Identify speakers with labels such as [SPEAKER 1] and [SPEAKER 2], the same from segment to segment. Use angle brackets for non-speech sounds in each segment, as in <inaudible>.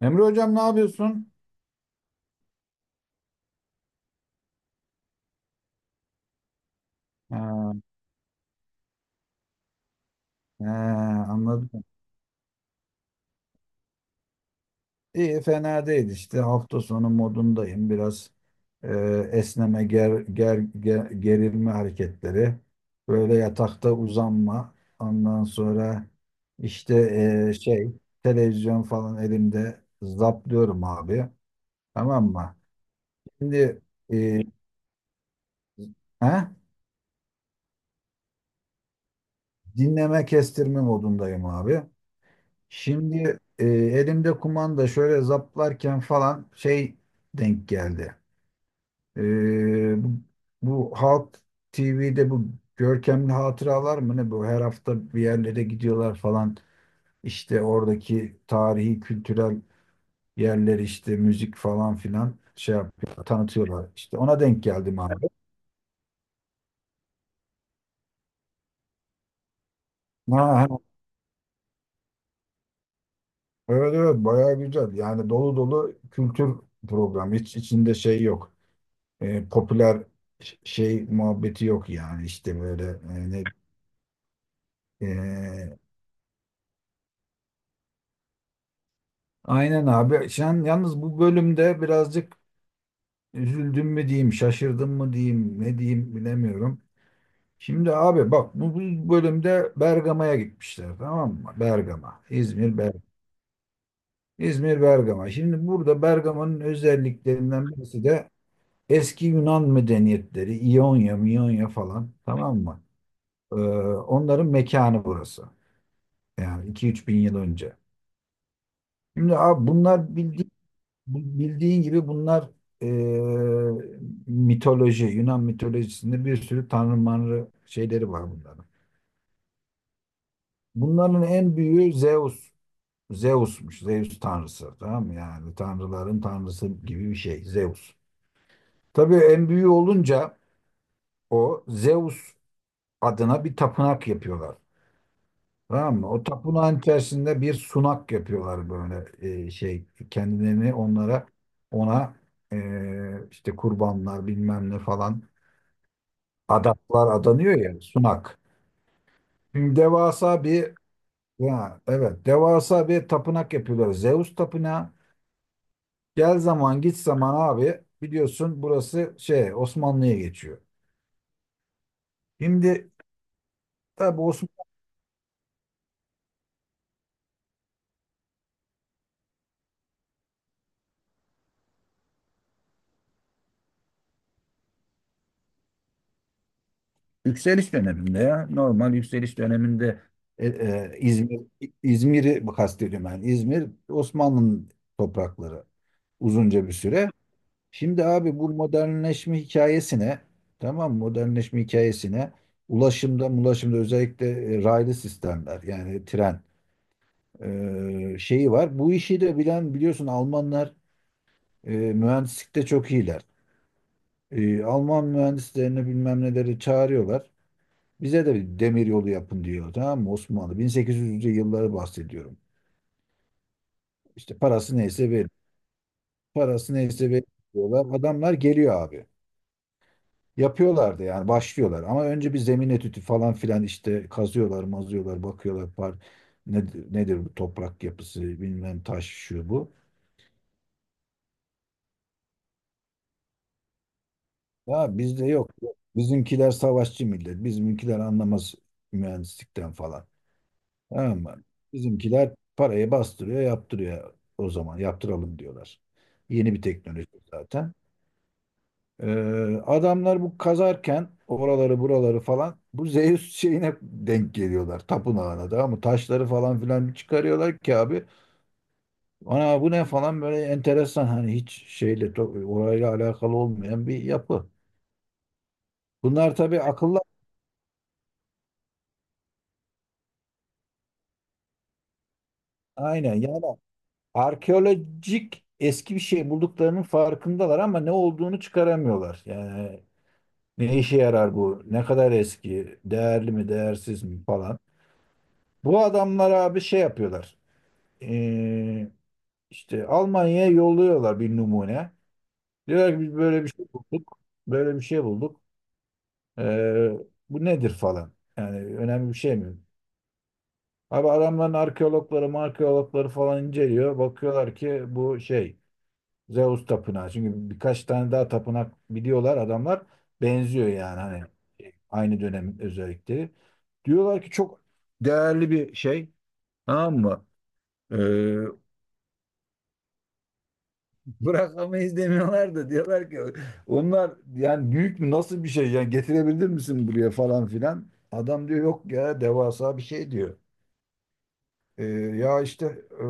[SPEAKER 1] Emre hocam ne yapıyorsun? Ha, he, anladım. İyi, fena değil işte, hafta sonu modundayım biraz. E, esneme ger, ger, ger- Gerilme hareketleri, böyle yatakta uzanma, ondan sonra işte, şey, televizyon falan elimde zaplıyorum abi, tamam mı? Şimdi, e, he? Dinleme, kestirme modundayım abi. Şimdi, elimde kumanda şöyle zaplarken falan şey denk geldi. E, bu, bu Halk TV'de bu görkemli hatıralar mı ne, bu her hafta bir yerlere gidiyorlar falan. İşte oradaki tarihi kültürel yerler işte, müzik falan filan şey yapıyor, tanıtıyorlar. İşte ona denk geldim abi. Ha, ha, evet evet, bayağı güzel. Yani dolu dolu kültür programı, hiç içinde şey yok. Popüler şey muhabbeti yok. Yani işte böyle, e, aynen abi. Sen yalnız bu bölümde birazcık üzüldüm mü diyeyim, şaşırdım mı diyeyim, ne diyeyim bilemiyorum. Şimdi abi bak, bu bölümde Bergama'ya gitmişler, tamam mı? Bergama, İzmir, Bergama. İzmir, Bergama. Şimdi burada Bergama'nın özelliklerinden birisi de eski Yunan medeniyetleri, İonya, Miyonya falan, tamam mı? Onların mekanı burası. Yani 2-3 bin yıl önce. Şimdi abi bunlar bildiğin gibi bunlar, eee, mitoloji, Yunan mitolojisinde bir sürü tanrı manrı şeyleri var bunların. Bunların en büyüğü Zeus. Zeus'muş. Zeus tanrısı. Tamam mı? Yani tanrıların tanrısı gibi bir şey, Zeus. Tabii en büyüğü olunca o Zeus adına bir tapınak yapıyorlar. Tamam mı? O tapınağın içerisinde bir sunak yapıyorlar böyle, şey, kendilerini ona, işte kurbanlar bilmem ne falan, adaklar adanıyor ya, sunak. Şimdi devasa bir, ya evet, devasa bir tapınak yapıyorlar. Zeus tapınağı. Gel zaman git zaman abi, biliyorsun burası şey, Osmanlı'ya geçiyor. Şimdi tabii, yükseliş döneminde ya. Normal yükseliş döneminde. E, e, İzmir, İzmir'i kastediyorum yani. İzmir Osmanlı'nın toprakları uzunca bir süre. Şimdi abi bu modernleşme hikayesine, tamam mı? Modernleşme hikayesine ulaşımda özellikle raylı sistemler yani tren, şeyi var. Bu işi de bilen biliyorsun, Almanlar mühendislikte çok iyiler. Alman mühendislerini bilmem neleri çağırıyorlar. Bize de bir demir yolu yapın diyor, tamam mı Osmanlı? 1800'lü yılları bahsediyorum. İşte parası neyse verin. Parası neyse verin diyorlar. Adamlar geliyor abi. Yapıyorlar da yani, başlıyorlar. Ama önce bir zemin etüdü falan filan, işte kazıyorlar, mazıyorlar, bakıyorlar. Nedir bu toprak yapısı, bilmem taş şu bu. Ya bizde yok. Bizimkiler savaşçı millet. Bizimkiler anlamaz mühendislikten falan. Ama bizimkiler parayı bastırıyor, yaptırıyor o zaman. Yaptıralım diyorlar. Yeni bir teknoloji zaten. Adamlar bu kazarken oraları buraları falan, bu Zeus şeyine denk geliyorlar. Tapınağına da, ama taşları falan filan bir çıkarıyorlar ki abi. Ana bu ne falan, böyle enteresan hani, hiç şeyle orayla alakalı olmayan bir yapı. Bunlar tabii akıllı, aynen yani, arkeolojik eski bir şey bulduklarının farkındalar ama ne olduğunu çıkaramıyorlar. Yani ne işe yarar bu? Ne kadar eski? Değerli mi, değersiz mi falan. Bu adamlar abi şey yapıyorlar. Ee, işte Almanya'ya yolluyorlar bir numune. Diyorlar ki biz böyle bir şey bulduk. Böyle bir şey bulduk. Ee, Bu nedir falan. Yani önemli bir şey mi? Abi adamların arkeologları falan inceliyor. Bakıyorlar ki bu şey, Zeus tapınağı. Çünkü birkaç tane daha tapınak biliyorlar adamlar. Benziyor yani, hani şey, aynı dönemin özellikleri. Diyorlar ki çok değerli bir şey. Tamam mı? Ee, <laughs> Bırakamayız demiyorlar da, diyorlar ki onlar yani, büyük mü, nasıl bir şey yani, getirebilir misin buraya falan filan. Adam diyor yok ya, devasa bir şey diyor. Ee, ya işte e,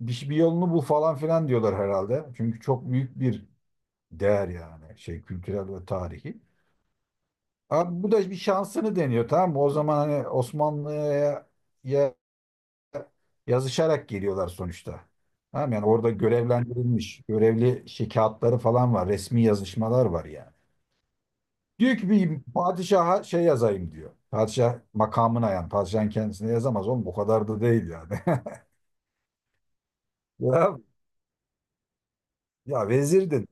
[SPEAKER 1] bir yolunu bul falan filan diyorlar herhalde. Çünkü çok büyük bir değer yani, şey, kültürel ve tarihi. Abi bu da bir şansını deniyor, tamam mı? O zaman hani Osmanlı'ya ya- yazışarak geliyorlar sonuçta. Tamam yani orada görevlendirilmiş, görevli şey kağıtları falan var, resmi yazışmalar var yani. Diyor ki bir padişaha şey yazayım diyor. Padişah makamına yani. Padişahın kendisine yazamaz oğlum, o kadar da değil yani. <laughs> Ya, ya vezir dedi.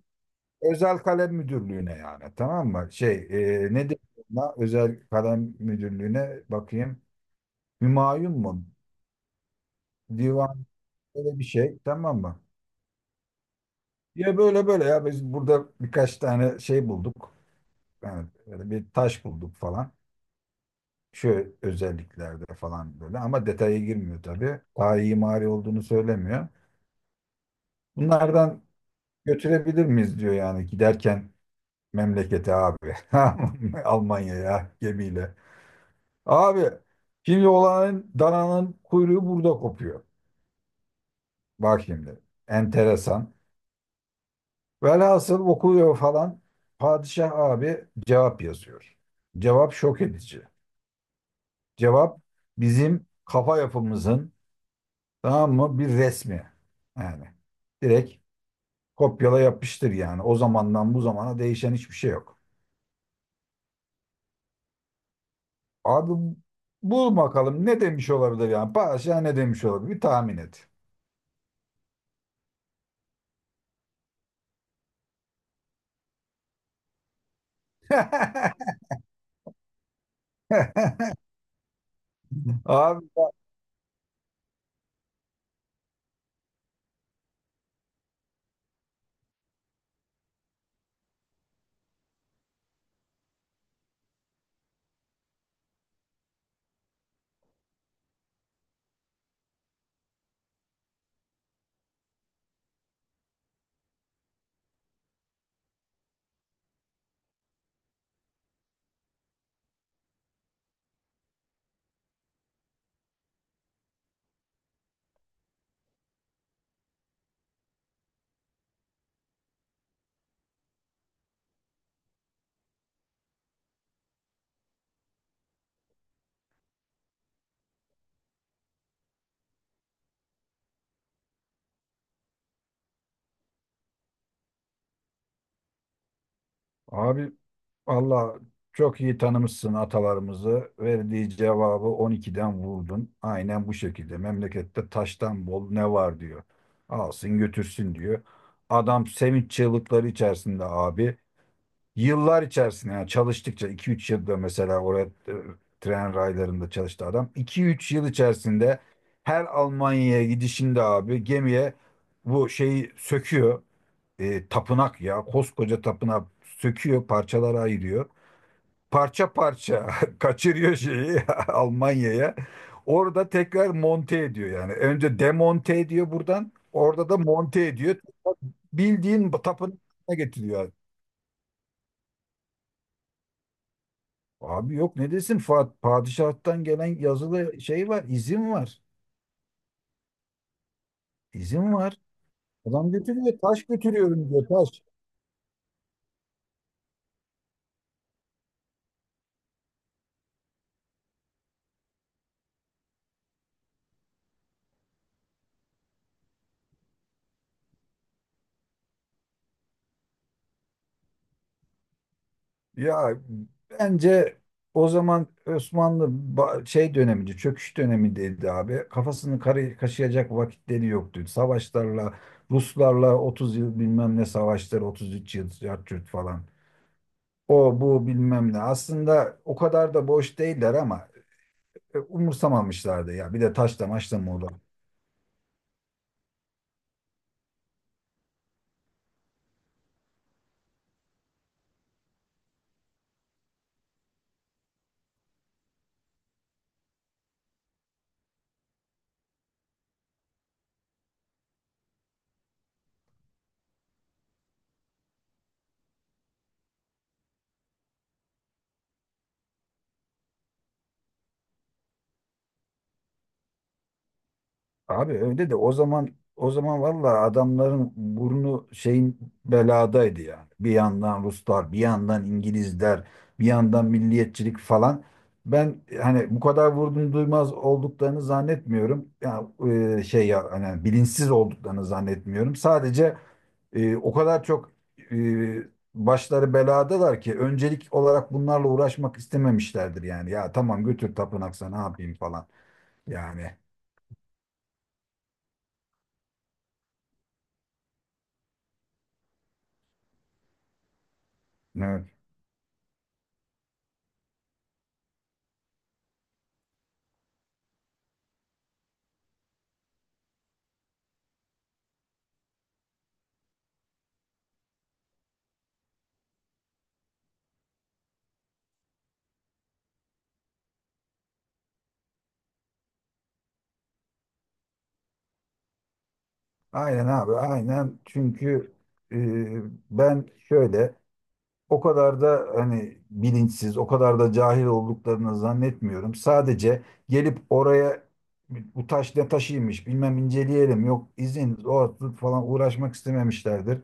[SPEAKER 1] Özel kalem müdürlüğüne yani, tamam mı? Şey, ne deniyor ona? Özel kalem müdürlüğüne bakayım. Hümayun mu? Divan. Böyle bir şey, tamam mı? Ya böyle böyle, ya biz burada birkaç tane şey bulduk. Yani böyle bir taş bulduk falan. Şu özelliklerde falan böyle, ama detaya girmiyor tabii. Daha iyi mimari olduğunu söylemiyor. Bunlardan götürebilir miyiz diyor yani, giderken memlekete abi. <laughs> Almanya'ya gemiyle. Abi şimdi olanın dananın kuyruğu burada kopuyor. Bak şimdi enteresan. Velhasıl okuyor falan. Padişah abi cevap yazıyor. Cevap şok edici. Cevap bizim kafa yapımızın, tamam mı, bir resmi. Yani direkt kopyala yapıştır yani. O zamandan bu zamana değişen hiçbir şey yok. Abi bul bakalım ne demiş olabilir yani. Padişah ne demiş olabilir? Bir tahmin et. <laughs> Abi, abi valla çok iyi tanımışsın atalarımızı. Verdiği cevabı 12'den vurdun. Aynen bu şekilde. Memlekette taştan bol ne var diyor. Alsın götürsün diyor. Adam sevinç çığlıkları içerisinde abi. Yıllar içerisinde yani çalıştıkça, 2-3 yılda mesela oraya tren raylarında çalıştı adam. 2-3 yıl içerisinde her Almanya'ya gidişinde abi, gemiye bu şeyi söküyor. Tapınak ya, koskoca tapınak söküyor, parçalara ayırıyor, parça parça <laughs> kaçırıyor şeyi <laughs> Almanya'ya. Orada tekrar monte ediyor yani. Önce demonte ediyor buradan. Orada da monte ediyor. Bildiğin tapınağına getiriyor. Abi yok ne desin, padişahtan gelen yazılı şey var, izin var. İzin var. Adam götürüyor, taş götürüyorum diyor, taş. Ya bence o zaman Osmanlı şey dönemiydi, çöküş dönemindeydi abi. Kafasını kaşıyacak vakitleri yoktu. Savaşlarla, Ruslarla 30 yıl bilmem ne savaşları, 33 yıl yat yurt falan. O bu bilmem ne. Aslında o kadar da boş değiller, ama umursamamışlardı ya. Bir de taşla maçla mı? Abi öyle de, o zaman vallahi adamların burnu şeyin beladaydı yani. Bir yandan Ruslar, bir yandan İngilizler, bir yandan milliyetçilik falan. Ben hani bu kadar vurdum duymaz olduklarını zannetmiyorum. Ya şey ya, hani bilinçsiz olduklarını zannetmiyorum. Sadece o kadar çok e, başları beladalar ki, öncelik olarak bunlarla uğraşmak istememişlerdir yani. Ya tamam, götür tapınak, sana ne, yapayım falan yani. Aynen abi, aynen, çünkü e, ben şöyle, o kadar da hani bilinçsiz, o kadar da cahil olduklarını zannetmiyorum. Sadece gelip oraya, bu taş ne taşıymış bilmem, inceleyelim, yok izin, o falan, uğraşmak istememişlerdir.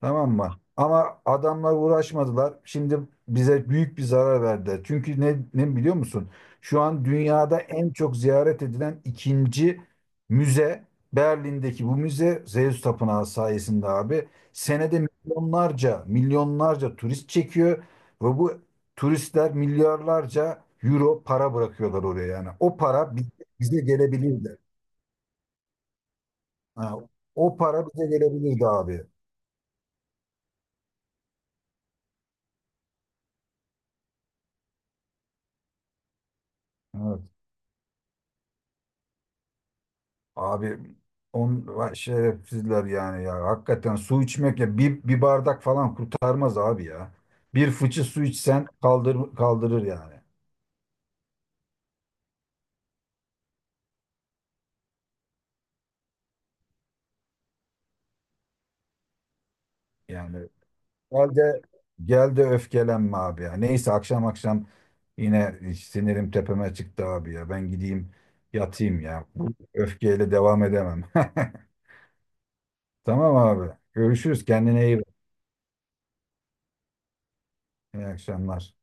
[SPEAKER 1] Tamam mı? Ama adamlar uğraşmadılar. Şimdi bize büyük bir zarar verdi. Çünkü ne biliyor musun? Şu an dünyada en çok ziyaret edilen ikinci müze, Berlin'deki bu müze, Zeus Tapınağı sayesinde abi. Senede milyonlarca, milyonlarca turist çekiyor ve bu turistler milyarlarca euro para bırakıyorlar oraya yani. O para bize gelebilirdi. Ha, o para bize gelebilirdi abi. Evet. Abi on, vay şerefsizler yani ya. Hakikaten su içmek ya, bir bardak falan kurtarmaz abi ya. Bir fıçı su içsen kaldırır yani. Yani gel de gel de öfkelenme abi ya. Neyse, akşam akşam yine sinirim tepeme çıktı abi ya. Ben gideyim yatayım ya. Bu öfkeyle devam edemem. <laughs> Tamam abi. Görüşürüz. Kendine iyi bak. İyi akşamlar.